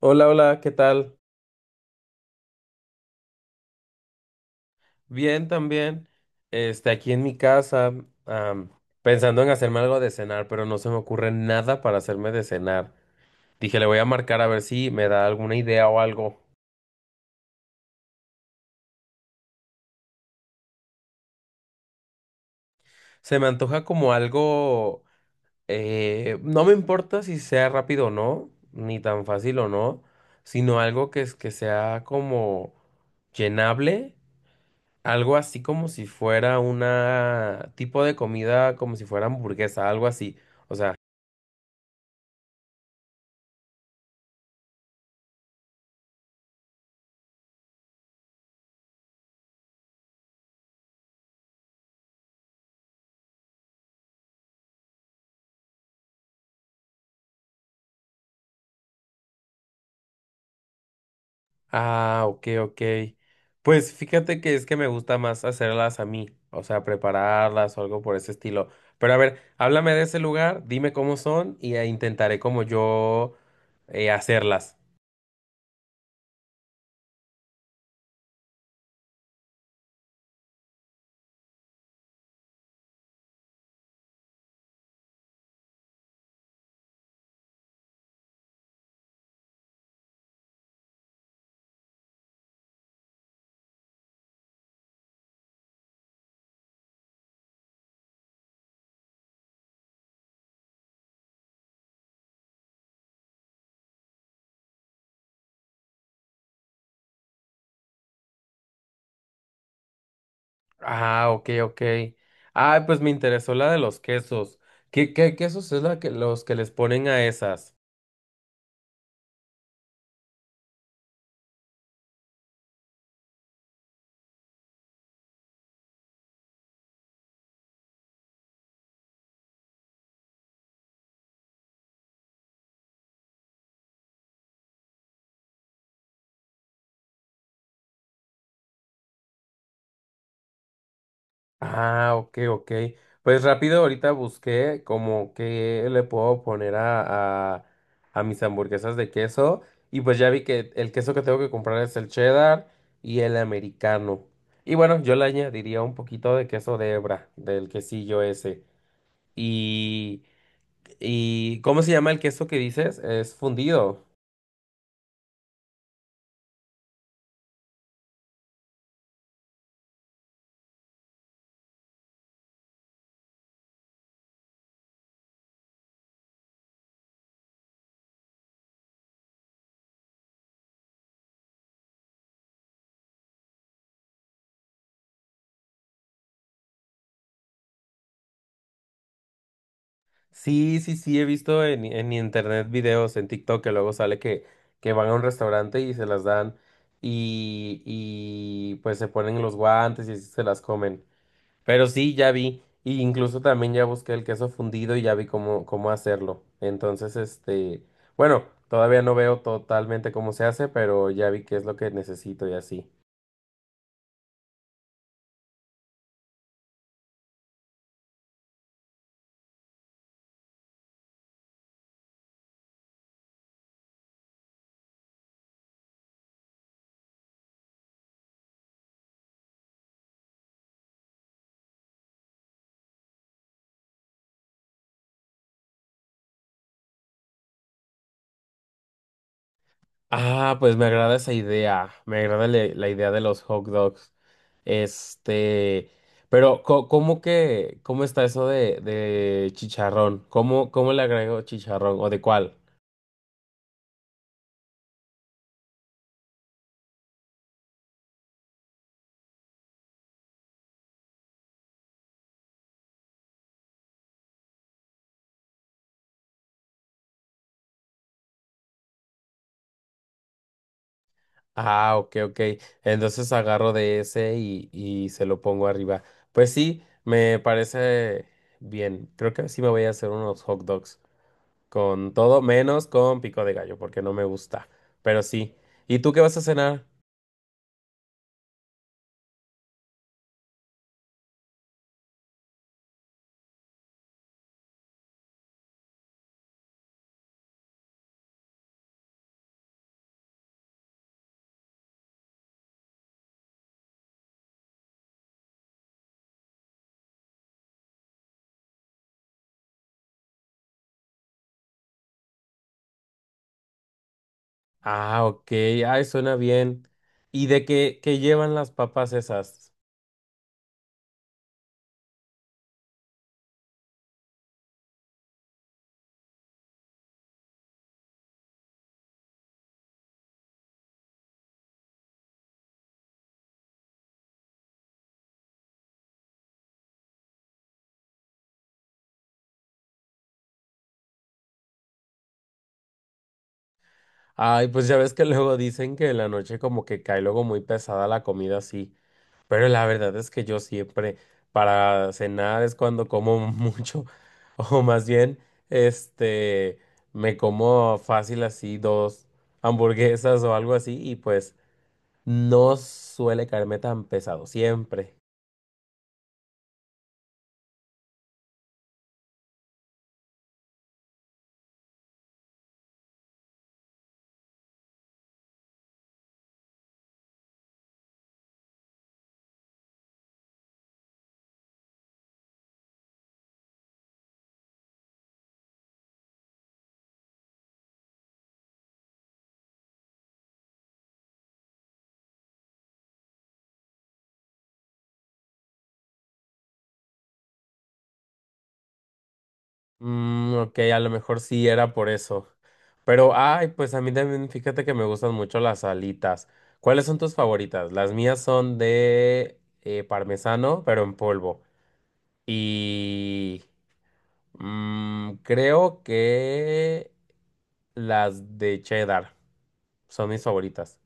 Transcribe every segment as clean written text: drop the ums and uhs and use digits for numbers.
Hola, hola, ¿qué tal? Bien, también. Este, aquí en mi casa, am, pensando en hacerme algo de cenar, pero no se me ocurre nada para hacerme de cenar. Dije, le voy a marcar a ver si me da alguna idea o algo. Se me antoja como algo, no me importa si sea rápido o no, ni tan fácil o no, sino algo que sea como llenable, algo así como si fuera una tipo de comida, como si fuera hamburguesa, algo así. O sea, ah, ok, ok. Pues fíjate que es que me gusta más hacerlas a mí, o sea, prepararlas o algo por ese estilo. Pero a ver, háblame de ese lugar, dime cómo son y intentaré como yo hacerlas. Ah, ok, ok. Ah, pues me interesó la de los quesos. ¿Qué quesos es la que los que les ponen a esas? Ah, ok, ok. Pues rápido, ahorita busqué como que le puedo poner a mis hamburguesas de queso. Y pues ya vi que el queso que tengo que comprar es el cheddar y el americano. Y bueno, yo le añadiría un poquito de queso de hebra, del quesillo ese. Y, y ¿cómo se llama el queso que dices? Es fundido. Sí, sí, sí, he visto en internet videos en TikTok que luego sale que van a un restaurante y se las dan y pues se ponen los guantes y así se las comen. Pero sí, ya vi, y incluso también ya busqué el queso fundido y ya vi cómo hacerlo. Entonces, este, bueno, todavía no veo totalmente cómo se hace, pero ya vi qué es lo que necesito y así. Ah, pues me agrada esa idea. Me agrada la idea de los hot dogs. Este, pero ¿cómo cómo está eso de chicharrón? ¿Cómo le agrego chicharrón? ¿O de cuál? Ah, ok, ok. Entonces agarro de ese y se lo pongo arriba. Pues sí, me parece bien. Creo que sí me voy a hacer unos hot dogs. Con todo menos con pico de gallo, porque no me gusta. Pero sí. ¿Y tú qué vas a cenar? Ah, ok, ay, suena bien. ¿Y de qué llevan las papas esas? Ay, pues ya ves que luego dicen que en la noche como que cae luego muy pesada la comida así, pero la verdad es que yo siempre para cenar es cuando como mucho, o más bien, este, me como fácil así dos hamburguesas o algo así y pues no suele caerme tan pesado, siempre. Mm, ok, a lo mejor sí era por eso. Pero, ay, pues a mí también, fíjate que me gustan mucho las alitas. ¿Cuáles son tus favoritas? Las mías son de parmesano, pero en polvo. Y mm, creo que las de cheddar son mis favoritas.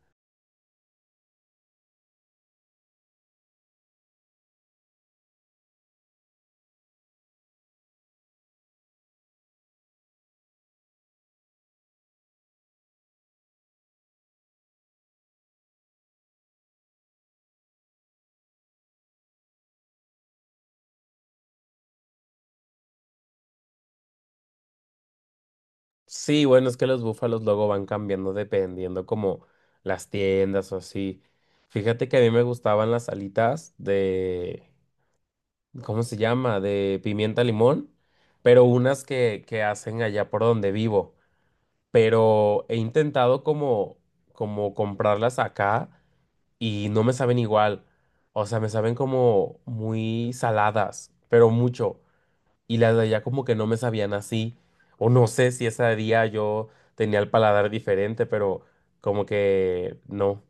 Sí, bueno, es que los búfalos luego van cambiando dependiendo como las tiendas o así. Fíjate que a mí me gustaban las alitas de... ¿cómo se llama? De pimienta limón, pero unas que hacen allá por donde vivo. Pero he intentado como comprarlas acá y no me saben igual. O sea, me saben como muy saladas, pero mucho. Y las de allá como que no me sabían así. O no sé si ese día yo tenía el paladar diferente, pero como que no.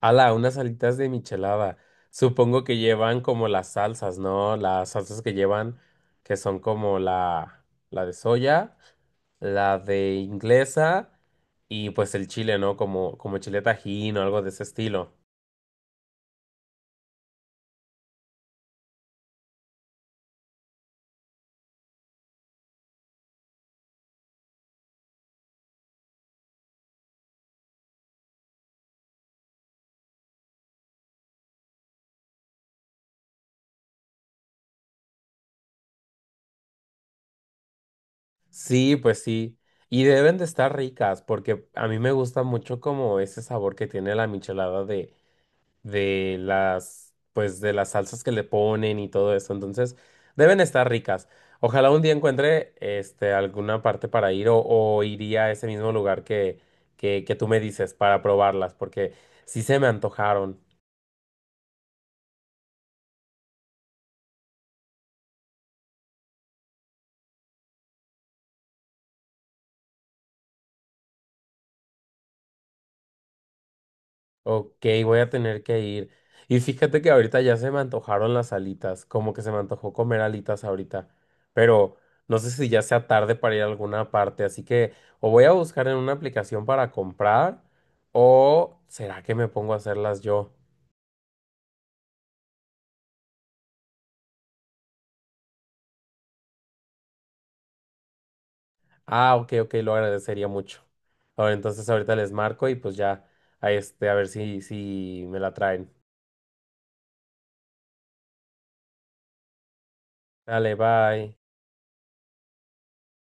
Ala, unas alitas de michelada. Supongo que llevan como las salsas, ¿no? Las salsas que llevan, que son como la de soya, la de inglesa y pues el chile, ¿no? Como chile tajín o algo de ese estilo. Sí, pues sí. Y deben de estar ricas porque a mí me gusta mucho como ese sabor que tiene la michelada de pues de las salsas que le ponen y todo eso. Entonces, deben estar ricas. Ojalá un día encuentre este alguna parte para ir o iría a ese mismo lugar que tú me dices para probarlas, porque sí se me antojaron. Ok, voy a tener que ir. Y fíjate que ahorita ya se me antojaron las alitas, como que se me antojó comer alitas ahorita, pero no sé si ya sea tarde para ir a alguna parte, así que o voy a buscar en una aplicación para comprar o será que me pongo a hacerlas yo. Ah, ok, ok, lo agradecería mucho. Ahora entonces ahorita les marco y pues ya, a este, a ver si me la traen. Dale, bye.